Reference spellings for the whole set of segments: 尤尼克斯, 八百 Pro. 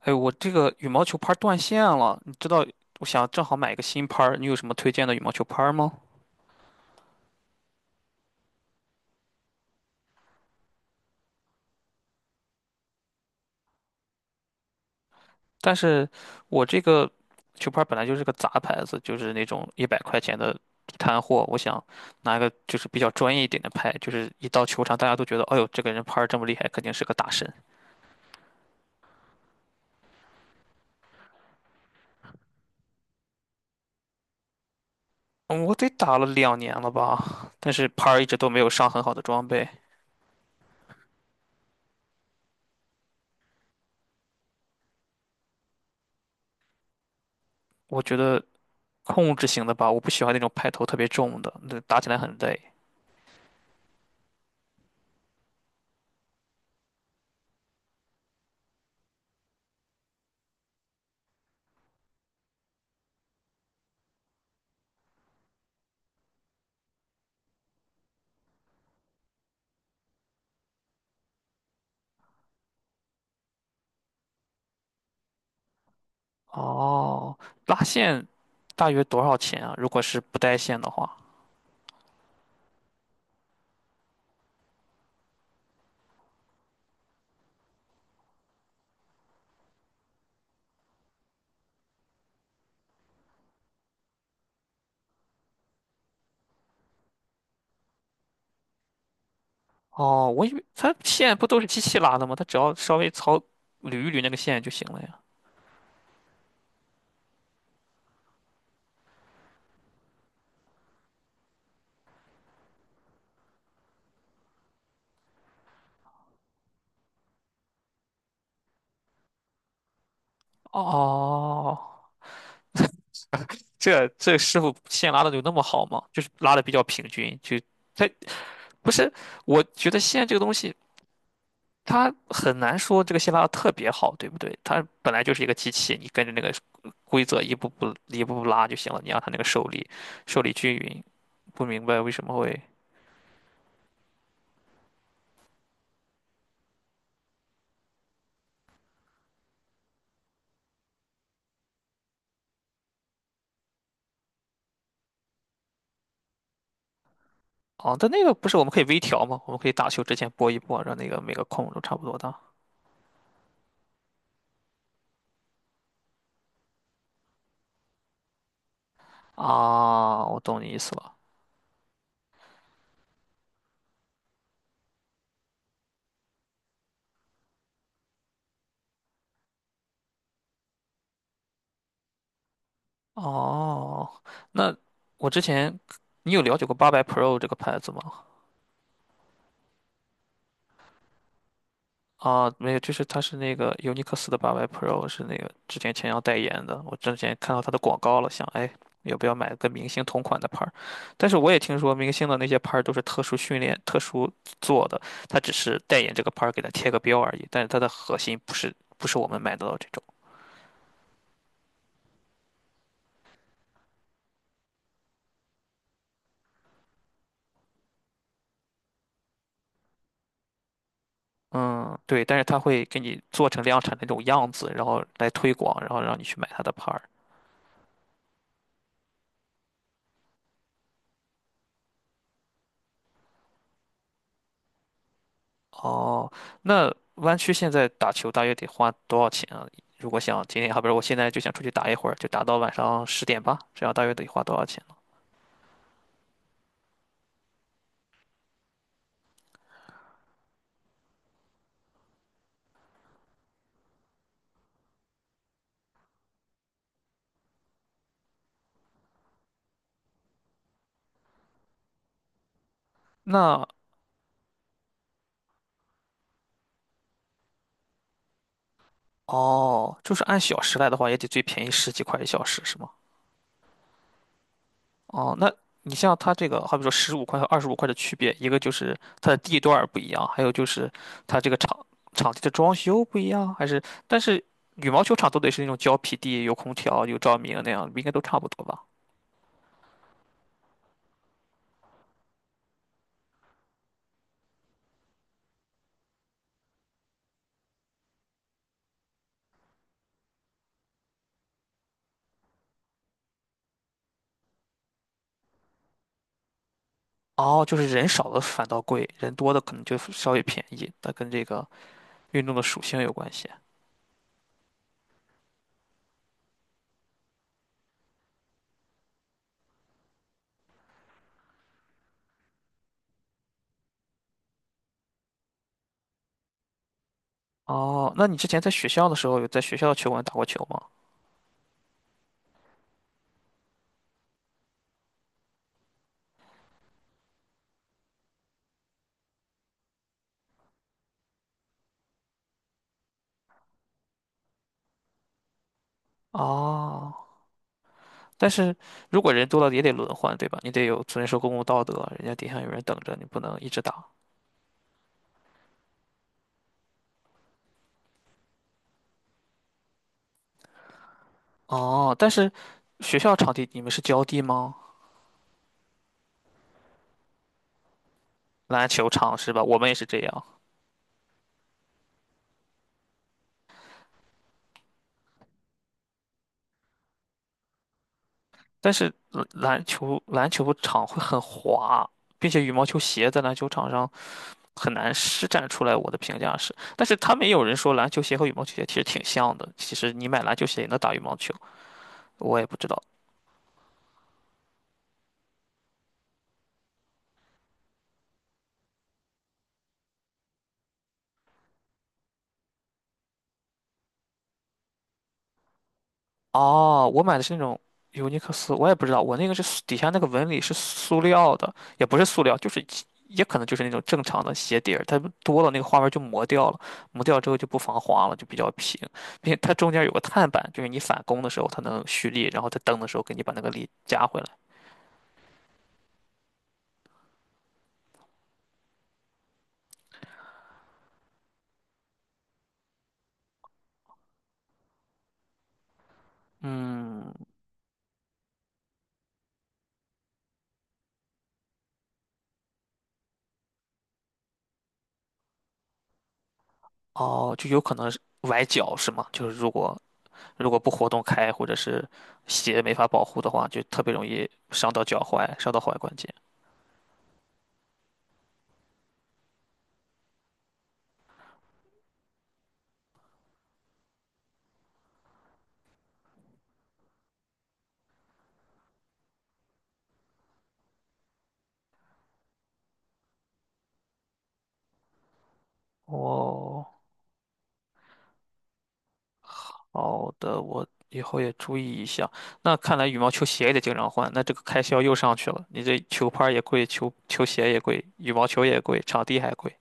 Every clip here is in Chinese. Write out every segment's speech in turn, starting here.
哎，我这个羽毛球拍儿断线了，你知道，我想正好买一个新拍儿，你有什么推荐的羽毛球拍儿吗？但是我这个球拍儿本来就是个杂牌子，就是那种100块钱的地摊货，我想拿个就是比较专业一点的拍，就是一到球场大家都觉得，哎呦，这个人拍儿这么厉害，肯定是个大神。嗯我得打了2年了吧，但是拍儿一直都没有上很好的装备，我觉得控制型的吧，我不喜欢那种拍头特别重的，那打起来很累。哦，拉线大约多少钱啊？如果是不带线的话？哦，我以为它线不都是机器拉的吗？它只要稍微操捋一捋那个线就行了呀。哦，这师傅线拉的有那么好吗？就是拉的比较平均，就它不是，我觉得线这个东西它很难说这个线拉的特别好，对不对？它本来就是一个机器，你跟着那个规则一步步一步步拉就行了，你让它那个受力均匀。不明白为什么会。哦，但那个不是我们可以微调吗？我们可以打球之前拨一拨，让那个每个空都差不多大。啊，我懂你意思了。哦，那我之前你有了解过八百 Pro 这个牌子吗？啊，没有，就是它是那个尤尼克斯的八百 Pro，是那个之前要代言的。我之前看到它的广告了，想哎，要不要买跟明星同款的牌儿？但是我也听说明星的那些牌儿都是特殊训练、特殊做的，它只是代言这个牌儿给它贴个标而已，但是它的核心不是我们买得到这种。嗯，对，但是他会给你做成量产的那种样子，然后来推广，然后让你去买他的牌儿。哦，那弯曲现在打球大约得花多少钱啊？如果想今天，好比如我现在就想出去打一会儿，就打到晚上10点吧，这样大约得花多少钱呢？那哦，就是按小时来的话，也得最便宜十几块一小时，是吗？哦，那你像它这个，好比说十五块和25块的区别，一个就是它的地段儿不一样，还有就是它这个场地的装修不一样，还是但是羽毛球场都得是那种胶皮地，有空调、有照明那样，应该都差不多吧？哦，就是人少的反倒贵，人多的可能就稍微便宜，它跟这个运动的属性有关系。哦，那你之前在学校的时候有在学校的球馆打过球吗？哦。但是如果人多了也得轮换，对吧？你得有遵守公共道德，人家底下有人等着，你不能一直打。哦，但是学校场地你们是浇地吗？篮球场是吧？我们也是这样，但是篮球场会很滑，并且羽毛球鞋在篮球场上很难施展出来。我的评价是，但是他们也有人说篮球鞋和羽毛球鞋其实挺像的，其实你买篮球鞋也能打羽毛球，我也不知道。哦，我买的是那种尤尼克斯，我也不知道，我那个是塑底下那个纹理是塑料的，也不是塑料，就是也可能就是那种正常的鞋底儿，它多了那个花纹就磨掉了，磨掉之后就不防滑了，就比较平，并且它中间有个碳板，就是你反弓的时候它能蓄力，然后在蹬的时候给你把那个力加回来。嗯，哦，就有可能是崴脚是吗？就是如果不活动开，或者是鞋没法保护的话，就特别容易伤到脚踝，伤到踝关节。哦。好的，我以后也注意一下。那看来羽毛球鞋也得经常换，那这个开销又上去了。你这球拍儿也贵，球鞋也贵，羽毛球也贵，场地还贵。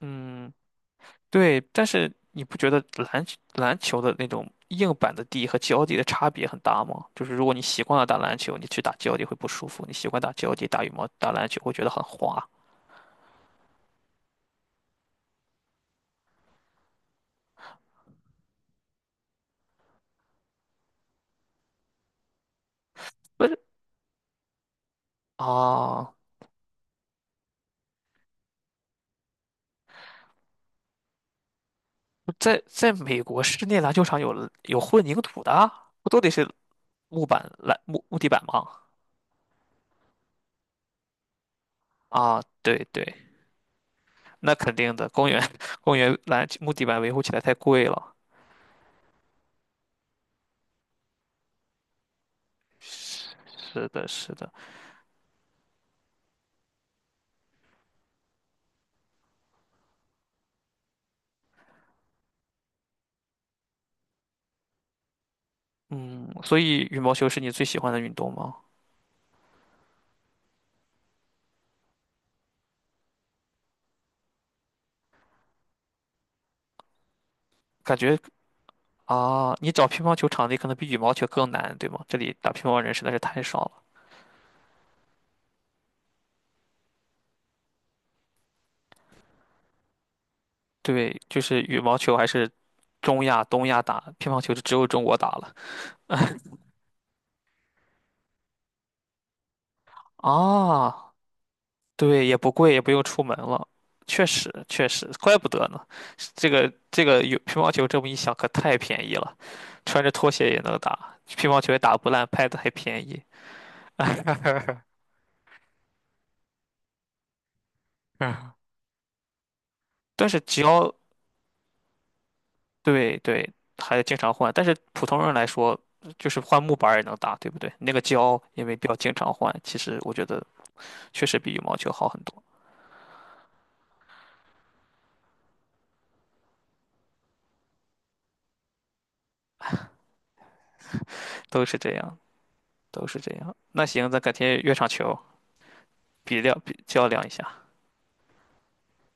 嗯，对。但是你不觉得篮球的那种硬板的地和胶地的差别很大吗？就是如果你习惯了打篮球，你去打胶地会不舒服；你习惯打胶地，打羽毛打篮球会觉得很滑。不是啊，在美国室内篮球场有混凝土的啊不都得是木地板吗？啊，对对，那肯定的，公园 公园篮木地板维护起来太贵了。是的，是的，嗯，所以羽毛球是你最喜欢的运动吗？感觉啊，你找乒乓球场地可能比羽毛球更难，对吗？这里打乒乓人实在是太少了。对，就是羽毛球还是中亚、东亚打，乒乓球就只有中国打了。啊对，也不贵，也不用出门了。确实，确实，怪不得呢。这个有乒乓球这么一想，可太便宜了，穿着拖鞋也能打，乒乓球也打不烂，拍子还便宜。但是胶，对对，还经常换。但是普通人来说，就是换木板儿也能打，对不对？那个胶也没必要经常换，其实我觉得确实比羽毛球好很多，都是这样，都是这样。那行，咱改天约场球，比较量一下。